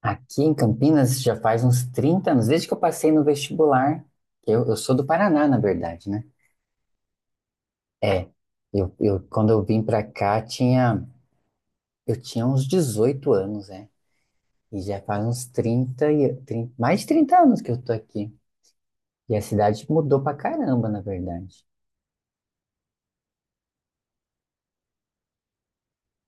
Aqui em Campinas já faz uns 30 anos, desde que eu passei no vestibular. Eu sou do Paraná, na verdade, né? É, quando eu vim pra cá, tinha, eu tinha uns 18 anos, né? E já faz uns trinta, mais de 30 anos que eu tô aqui. E a cidade mudou pra caramba, na verdade.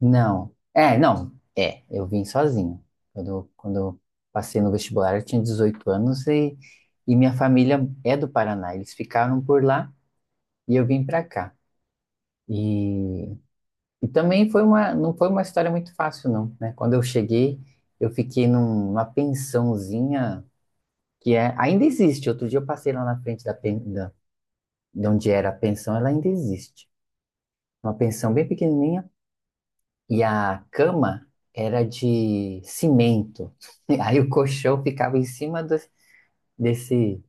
Não, é, não, é, eu vim sozinho. Quando eu passei no vestibular, eu tinha 18 anos e minha família é do Paraná. Eles ficaram por lá e eu vim pra cá. E, e também foi uma, não foi uma história muito fácil, não, né? Quando eu cheguei, eu fiquei numa pensãozinha que é, ainda existe. Outro dia eu passei lá na frente da, de onde era a pensão, ela ainda existe. Uma pensão bem pequenininha e a cama era de cimento. Aí o colchão ficava desse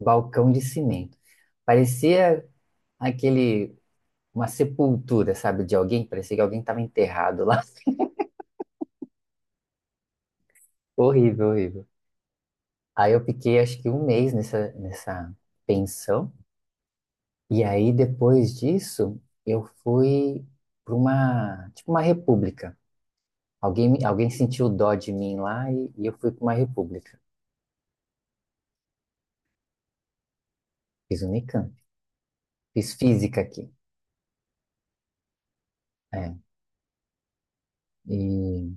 balcão de cimento. Parecia aquele, uma sepultura, sabe, de alguém. Parecia que alguém estava enterrado lá. Horrível, horrível. Aí eu fiquei acho que um mês nessa pensão. E aí depois disso eu fui para uma, tipo uma república. Alguém sentiu dó de mim lá e eu fui para uma república. Fiz um Unicamp. Fiz física aqui. É. E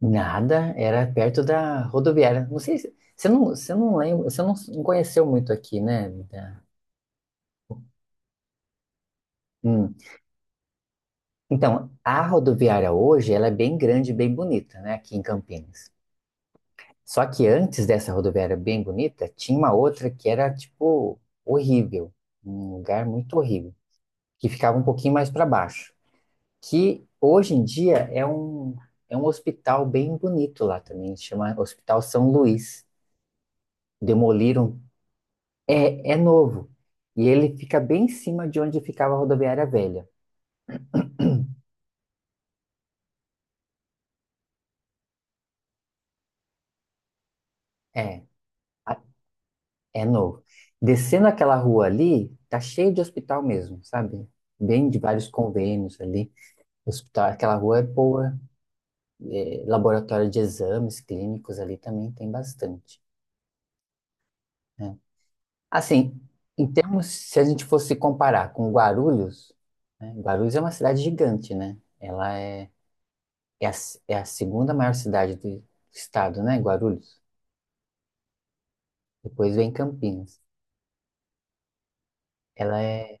nada, era perto da rodoviária. Não sei se você não lembra, você não, não conheceu muito aqui, né? Da- hum. Então, a rodoviária hoje, ela é bem grande, e bem bonita, né? Aqui em Campinas. Só que antes dessa rodoviária bem bonita, tinha uma outra que era, tipo, horrível. Um lugar muito horrível. Que ficava um pouquinho mais para baixo. Que hoje em dia é um hospital bem bonito lá também. Chama Hospital São Luís. Demoliram. É, é novo. E ele fica bem em cima de onde ficava a rodoviária velha. É, a- é novo. Descendo aquela rua ali, tá cheio de hospital mesmo, sabe? Bem de vários convênios ali. Hospital, aquela rua é boa, laboratório de exames clínicos ali também tem bastante, né? Assim, em termos, se a gente fosse comparar com Guarulhos, né? Guarulhos é uma cidade gigante, né? Ela é, é, a, é a segunda maior cidade do estado, né? Guarulhos. Depois vem Campinas. Ela é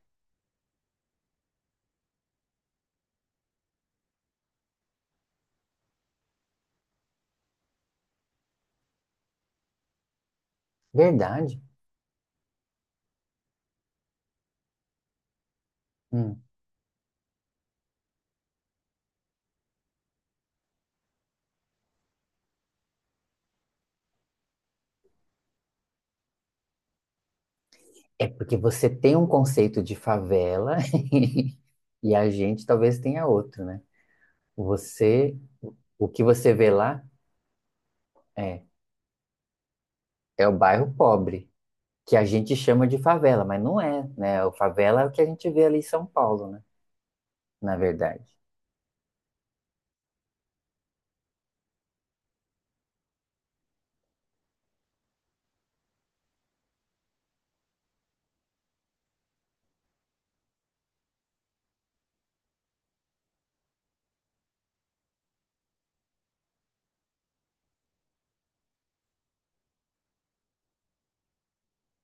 verdade. Hum. É porque você tem um conceito de favela e a gente talvez tenha outro, né? Você, o que você vê lá é, é o bairro pobre. Que a gente chama de favela, mas não é, né? O favela é o que a gente vê ali em São Paulo, né? Na verdade.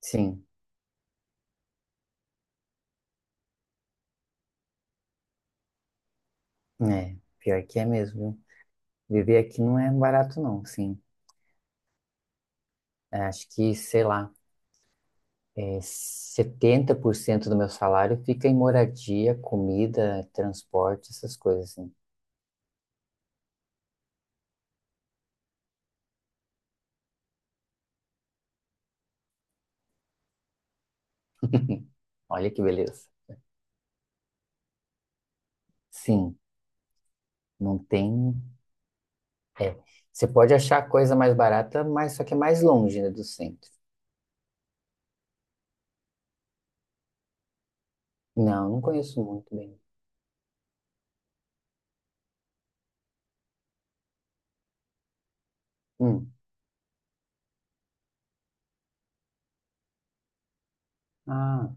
Sim, é. Pior que é mesmo. Viu? Viver aqui não é barato, não, sim. Acho que, sei lá, é 70% do meu salário fica em moradia, comida, transporte, essas coisas, assim. Olha que beleza. Sim, não tem. É. Você pode achar coisa mais barata, mas só que é mais longe, né, do centro. Não, não conheço muito bem. Hum. Ah.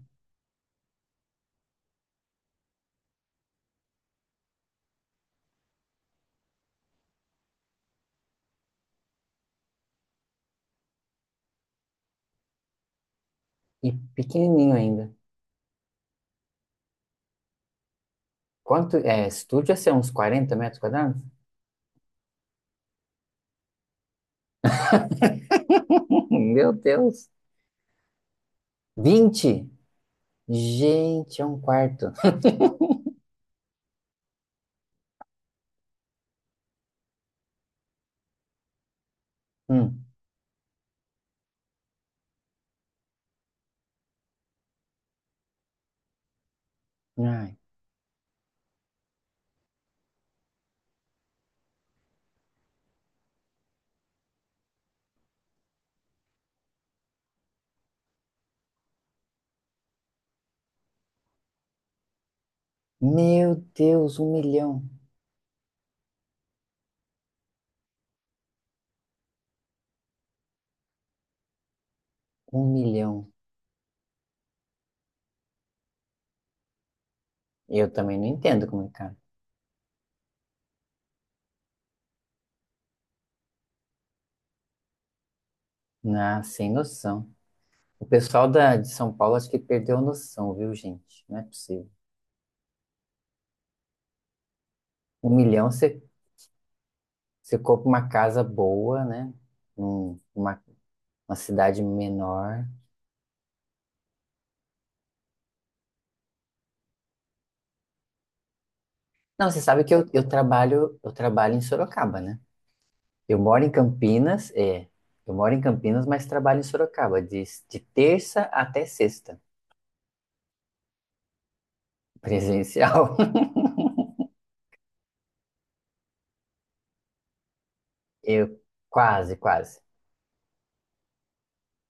E pequenininho ainda. Quanto é estúdio? Ia ser uns 40 metros quadrados? Meu Deus! 20? Gente, é um quarto. Hum. Ai. Meu Deus, um milhão. Um milhão. Eu também não entendo como é, cara. Ah, sem noção. O pessoal da, de São Paulo acho que perdeu a noção, viu, gente? Não é possível. Um milhão você, você compra uma casa boa, né? Um- uma, uma cidade menor. Não, você sabe que eu, eu trabalho em Sorocaba, né? Eu moro em Campinas, é. Eu moro em Campinas, mas trabalho em Sorocaba, de terça até sexta, presencial. Eu quase, quase.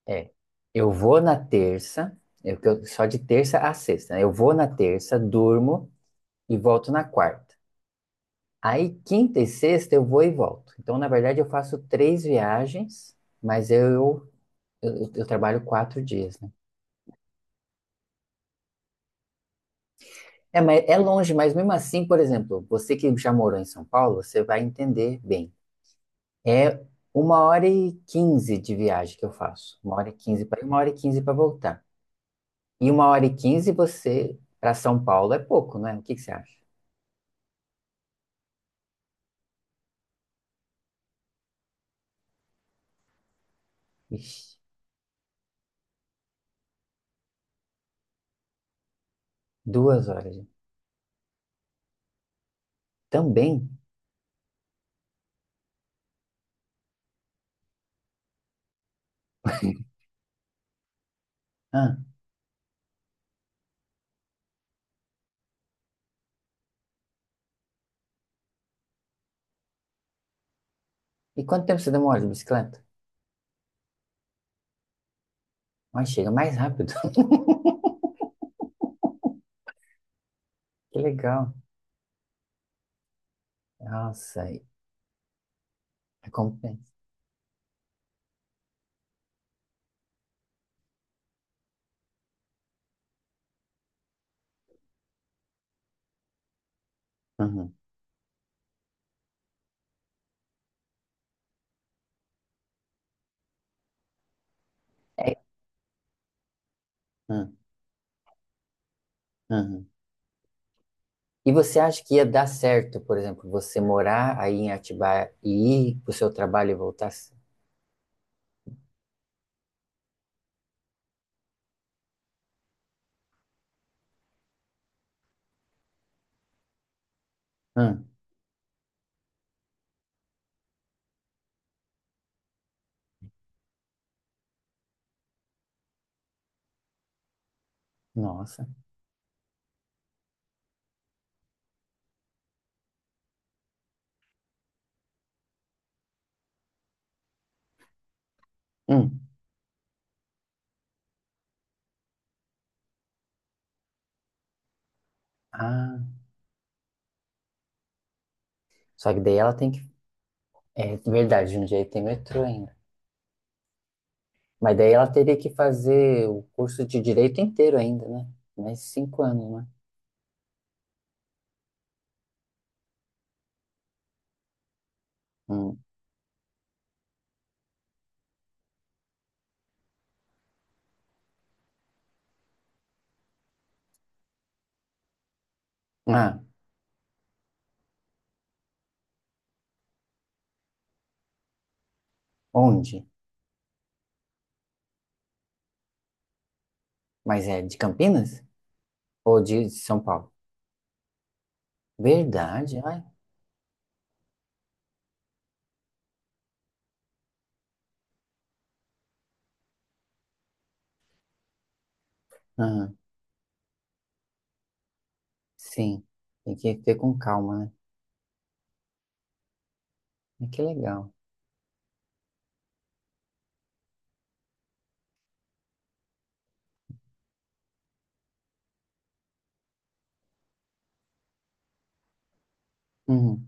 É. Eu vou na terça, só de terça a sexta, né? Eu vou na terça, durmo e volto na quarta. Aí quinta e sexta eu vou e volto. Então, na verdade, eu faço três viagens, mas eu trabalho quatro dias, né? É, mas é longe, mas mesmo assim, por exemplo, você que já morou em São Paulo, você vai entender bem. É uma hora e quinze de viagem que eu faço. Uma hora e quinze para ir, uma hora e quinze para voltar. E uma hora e quinze você para São Paulo é pouco, né? O que que você acha? Ixi, duas horas. Gente. Também? Ah, e quanto tempo você demora de bicicleta? Mas chega mais rápido. Que legal. Nossa, é compensa. Uhum. É, uhum, uhum. E você acha que ia dar certo, por exemplo, você morar aí em Atibaia e ir para o seu trabalho e voltar? Hum, nossa. Hum. Ah. Só que daí ela tem que. É verdade, Jundiaí tem metrô ainda. Mas daí ela teria que fazer o curso de direito inteiro ainda, né? Mais cinco anos, né? Hum. Ah, onde? Mas é de Campinas? Ou de São Paulo? Verdade, ai. Ah, sim. Tem que ter com calma, né? Mas que legal. Uhum.